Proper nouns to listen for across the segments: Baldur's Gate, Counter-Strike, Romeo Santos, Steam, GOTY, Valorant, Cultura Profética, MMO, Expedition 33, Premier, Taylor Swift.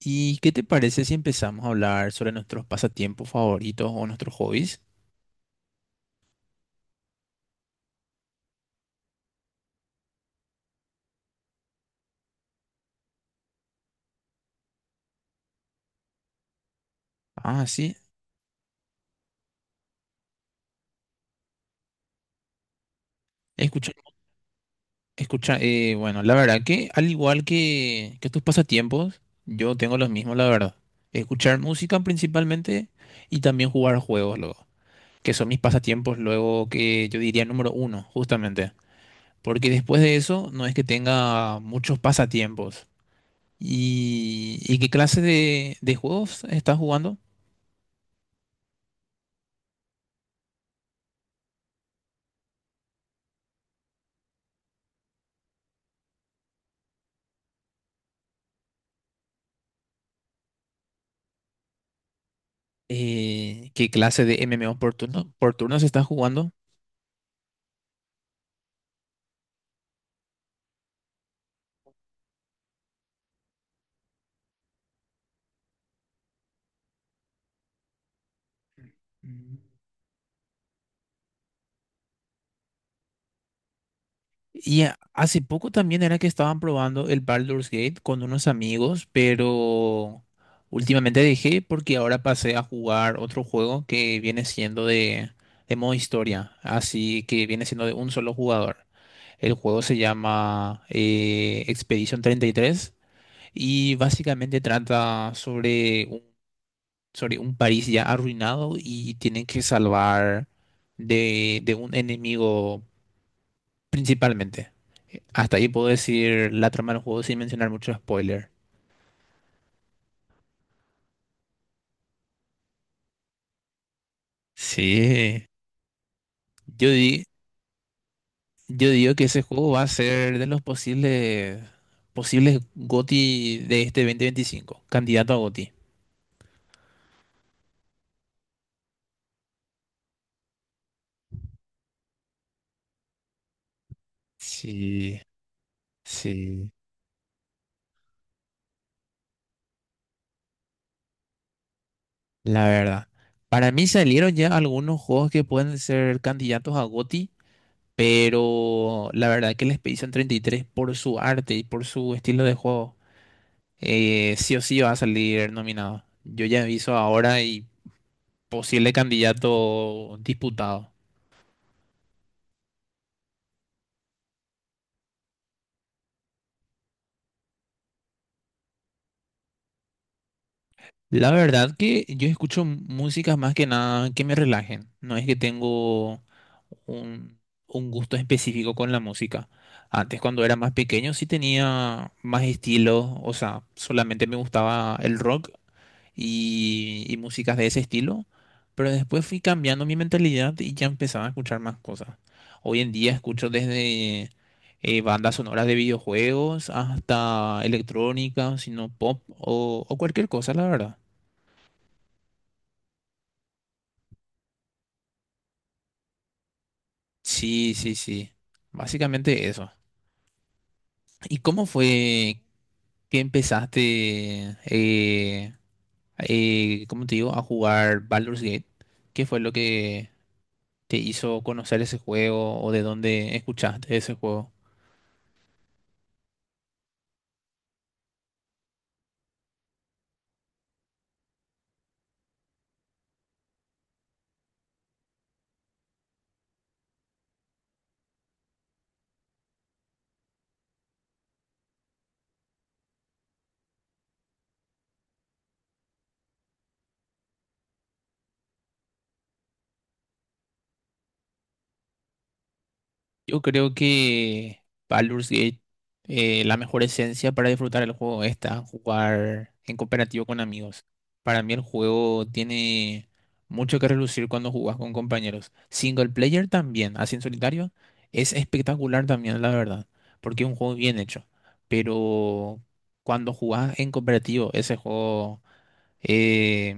¿Y qué te parece si empezamos a hablar sobre nuestros pasatiempos favoritos o nuestros hobbies? Ah, sí. Escucha, escucha, bueno, la verdad que al igual que tus pasatiempos, yo tengo los mismos, la verdad. Escuchar música principalmente y también jugar juegos luego, que son mis pasatiempos luego que yo diría número uno, justamente. Porque después de eso no es que tenga muchos pasatiempos. ¿Y qué clase de juegos estás jugando? ¿Qué clase de MMO por turno se está jugando? Mm. Hace poco también era que estaban probando el Baldur's Gate con unos amigos, pero últimamente dejé porque ahora pasé a jugar otro juego que viene siendo de modo historia, así que viene siendo de un solo jugador. El juego se llama Expedition 33 y básicamente trata sobre un país ya arruinado y tienen que salvar de un enemigo principalmente. Hasta ahí puedo decir la trama del juego sin mencionar mucho spoiler. Sí, yo, di- yo digo que ese juego va a ser de los posibles, posibles GOTY de este 2025, candidato a GOTY. Sí, sí, la verdad. Para mí salieron ya algunos juegos que pueden ser candidatos a GOTY, pero la verdad que el Expedition 33 por su arte y por su estilo de juego, sí o sí va a salir nominado. Yo ya aviso ahora y posible candidato disputado. La verdad que yo escucho músicas más que nada que me relajen. No es que tengo un, un gusto específico con la música. Antes, cuando era más pequeño, sí tenía más estilo. O sea, solamente me gustaba el rock y músicas de ese estilo. Pero después fui cambiando mi mentalidad y ya empezaba a escuchar más cosas. Hoy en día escucho desde bandas sonoras de videojuegos hasta electrónica, sino pop o cualquier cosa, la verdad. Sí, sí, sí. Básicamente eso. ¿Y cómo fue que empezaste, cómo te digo, a jugar Baldur's Gate? ¿Qué fue lo que te hizo conocer ese juego o de dónde escuchaste ese juego? Yo creo que Baldur's Gate, la mejor esencia para disfrutar el juego está jugar en cooperativo con amigos. Para mí el juego tiene mucho que relucir cuando jugas con compañeros. Single player también, así en solitario, es espectacular también, la verdad, porque es un juego bien hecho. Pero cuando jugás en cooperativo, ese juego eh,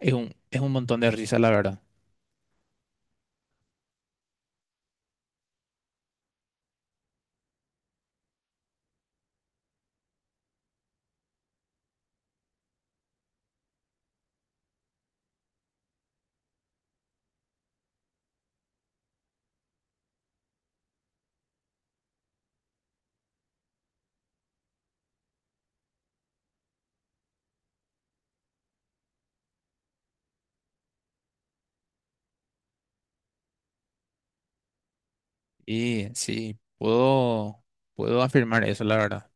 es un montón de risa, la verdad. Y sí, puedo afirmar eso, la verdad.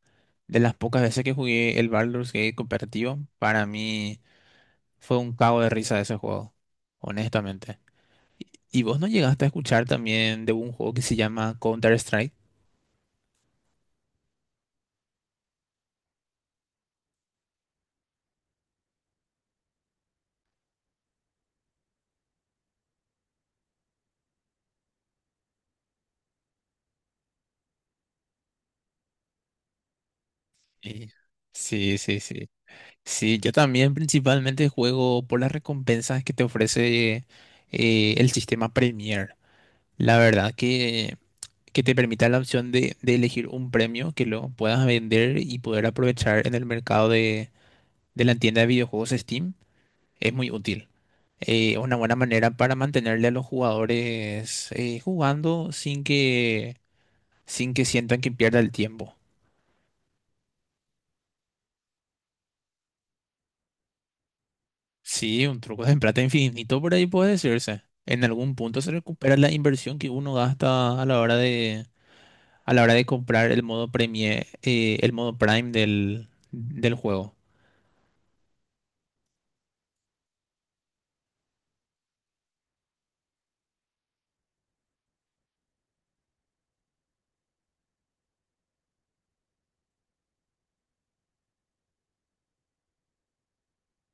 De las pocas veces que jugué el Baldur's Gate cooperativo, para mí fue un cago de risa ese juego, honestamente. ¿Y vos no llegaste a escuchar también de un juego que se llama Counter-Strike? Sí, sí, sí. Sí, sí, yo también principalmente juego por las recompensas que te ofrece el sistema Premier. La verdad que te permite la opción de elegir un premio que lo puedas vender y poder aprovechar en el mercado de la tienda de videojuegos Steam. Es muy útil. Una buena manera para mantenerle a los jugadores jugando sin que sientan que pierda el tiempo. Sí, un truco de plata infinito por ahí puede decirse. En algún punto se recupera la inversión que uno gasta a la hora a la hora de comprar el modo premie, el modo Prime del juego.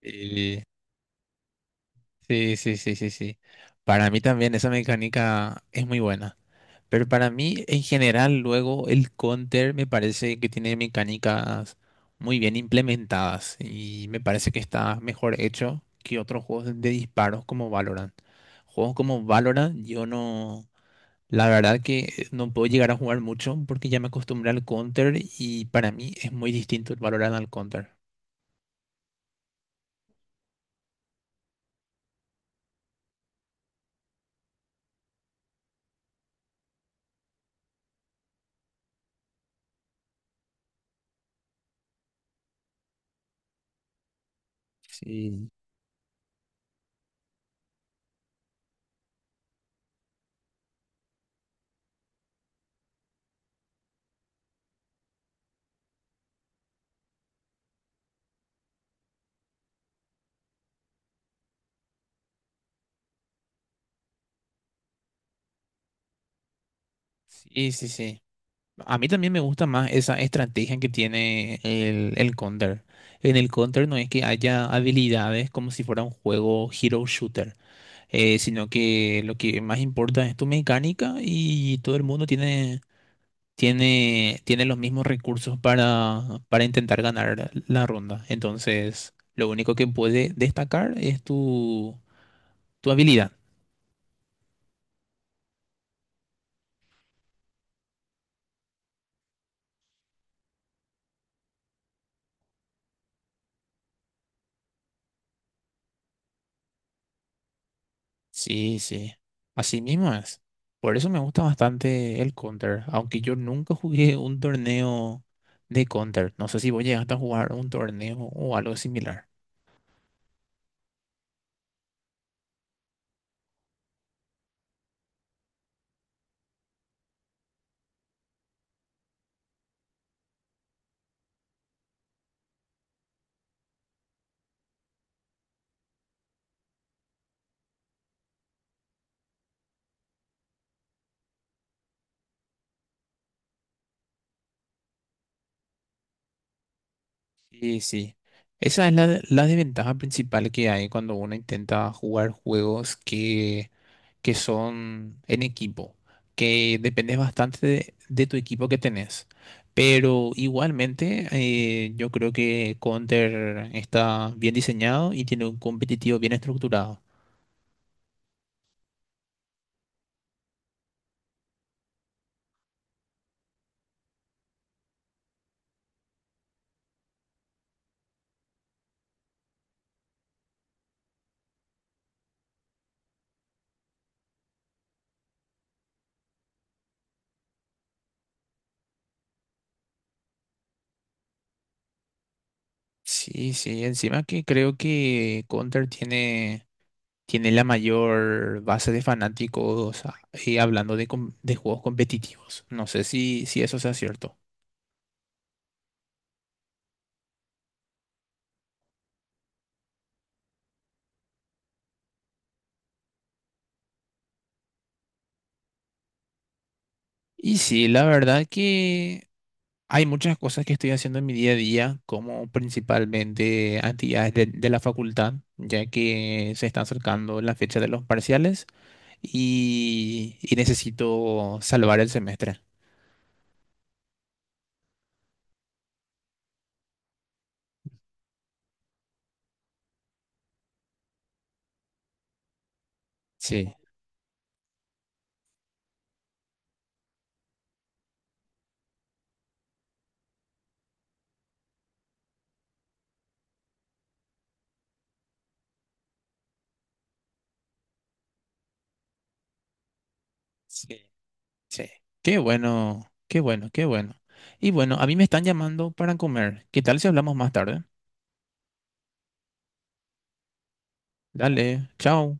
Eh, sí, sí, sí, sí, sí. Para mí también esa mecánica es muy buena. Pero para mí, en general, luego el counter me parece que tiene mecánicas muy bien implementadas y me parece que está mejor hecho que otros juegos de disparos como Valorant. Juegos como Valorant, yo no, la verdad que no puedo llegar a jugar mucho porque ya me acostumbré al counter y para mí es muy distinto el Valorant al counter. Sí. Sí, sí, sí. A mí también me gusta más esa estrategia que tiene el Counter. En el Counter no es que haya habilidades como si fuera un juego hero shooter, sino que lo que más importa es tu mecánica y todo el mundo tiene, tiene los mismos recursos para intentar ganar la ronda. Entonces, lo único que puede destacar es tu habilidad. Sí, sí. Así mismo es. Por eso me gusta bastante el Counter, aunque yo nunca jugué un torneo de Counter. No sé si vos llegaste a jugar un torneo o algo similar. Sí, sí. Esa es la desventaja principal que hay cuando uno intenta jugar juegos que son en equipo, que depende bastante de tu equipo que tenés. Pero igualmente, yo creo que Counter está bien diseñado y tiene un competitivo bien estructurado. Sí, sí, encima que creo que Counter tiene, tiene la mayor base de fanáticos ah, hablando de, de juegos competitivos. No sé si eso sea cierto. Y sí, la verdad que hay muchas cosas que estoy haciendo en mi día a día, como principalmente actividades de la facultad, ya que se está acercando la fecha de los parciales y necesito salvar el semestre. Sí, sí, sí. Qué bueno, qué bueno, qué bueno. Y bueno, a mí me están llamando para comer. ¿Qué tal si hablamos más tarde? Dale, chao.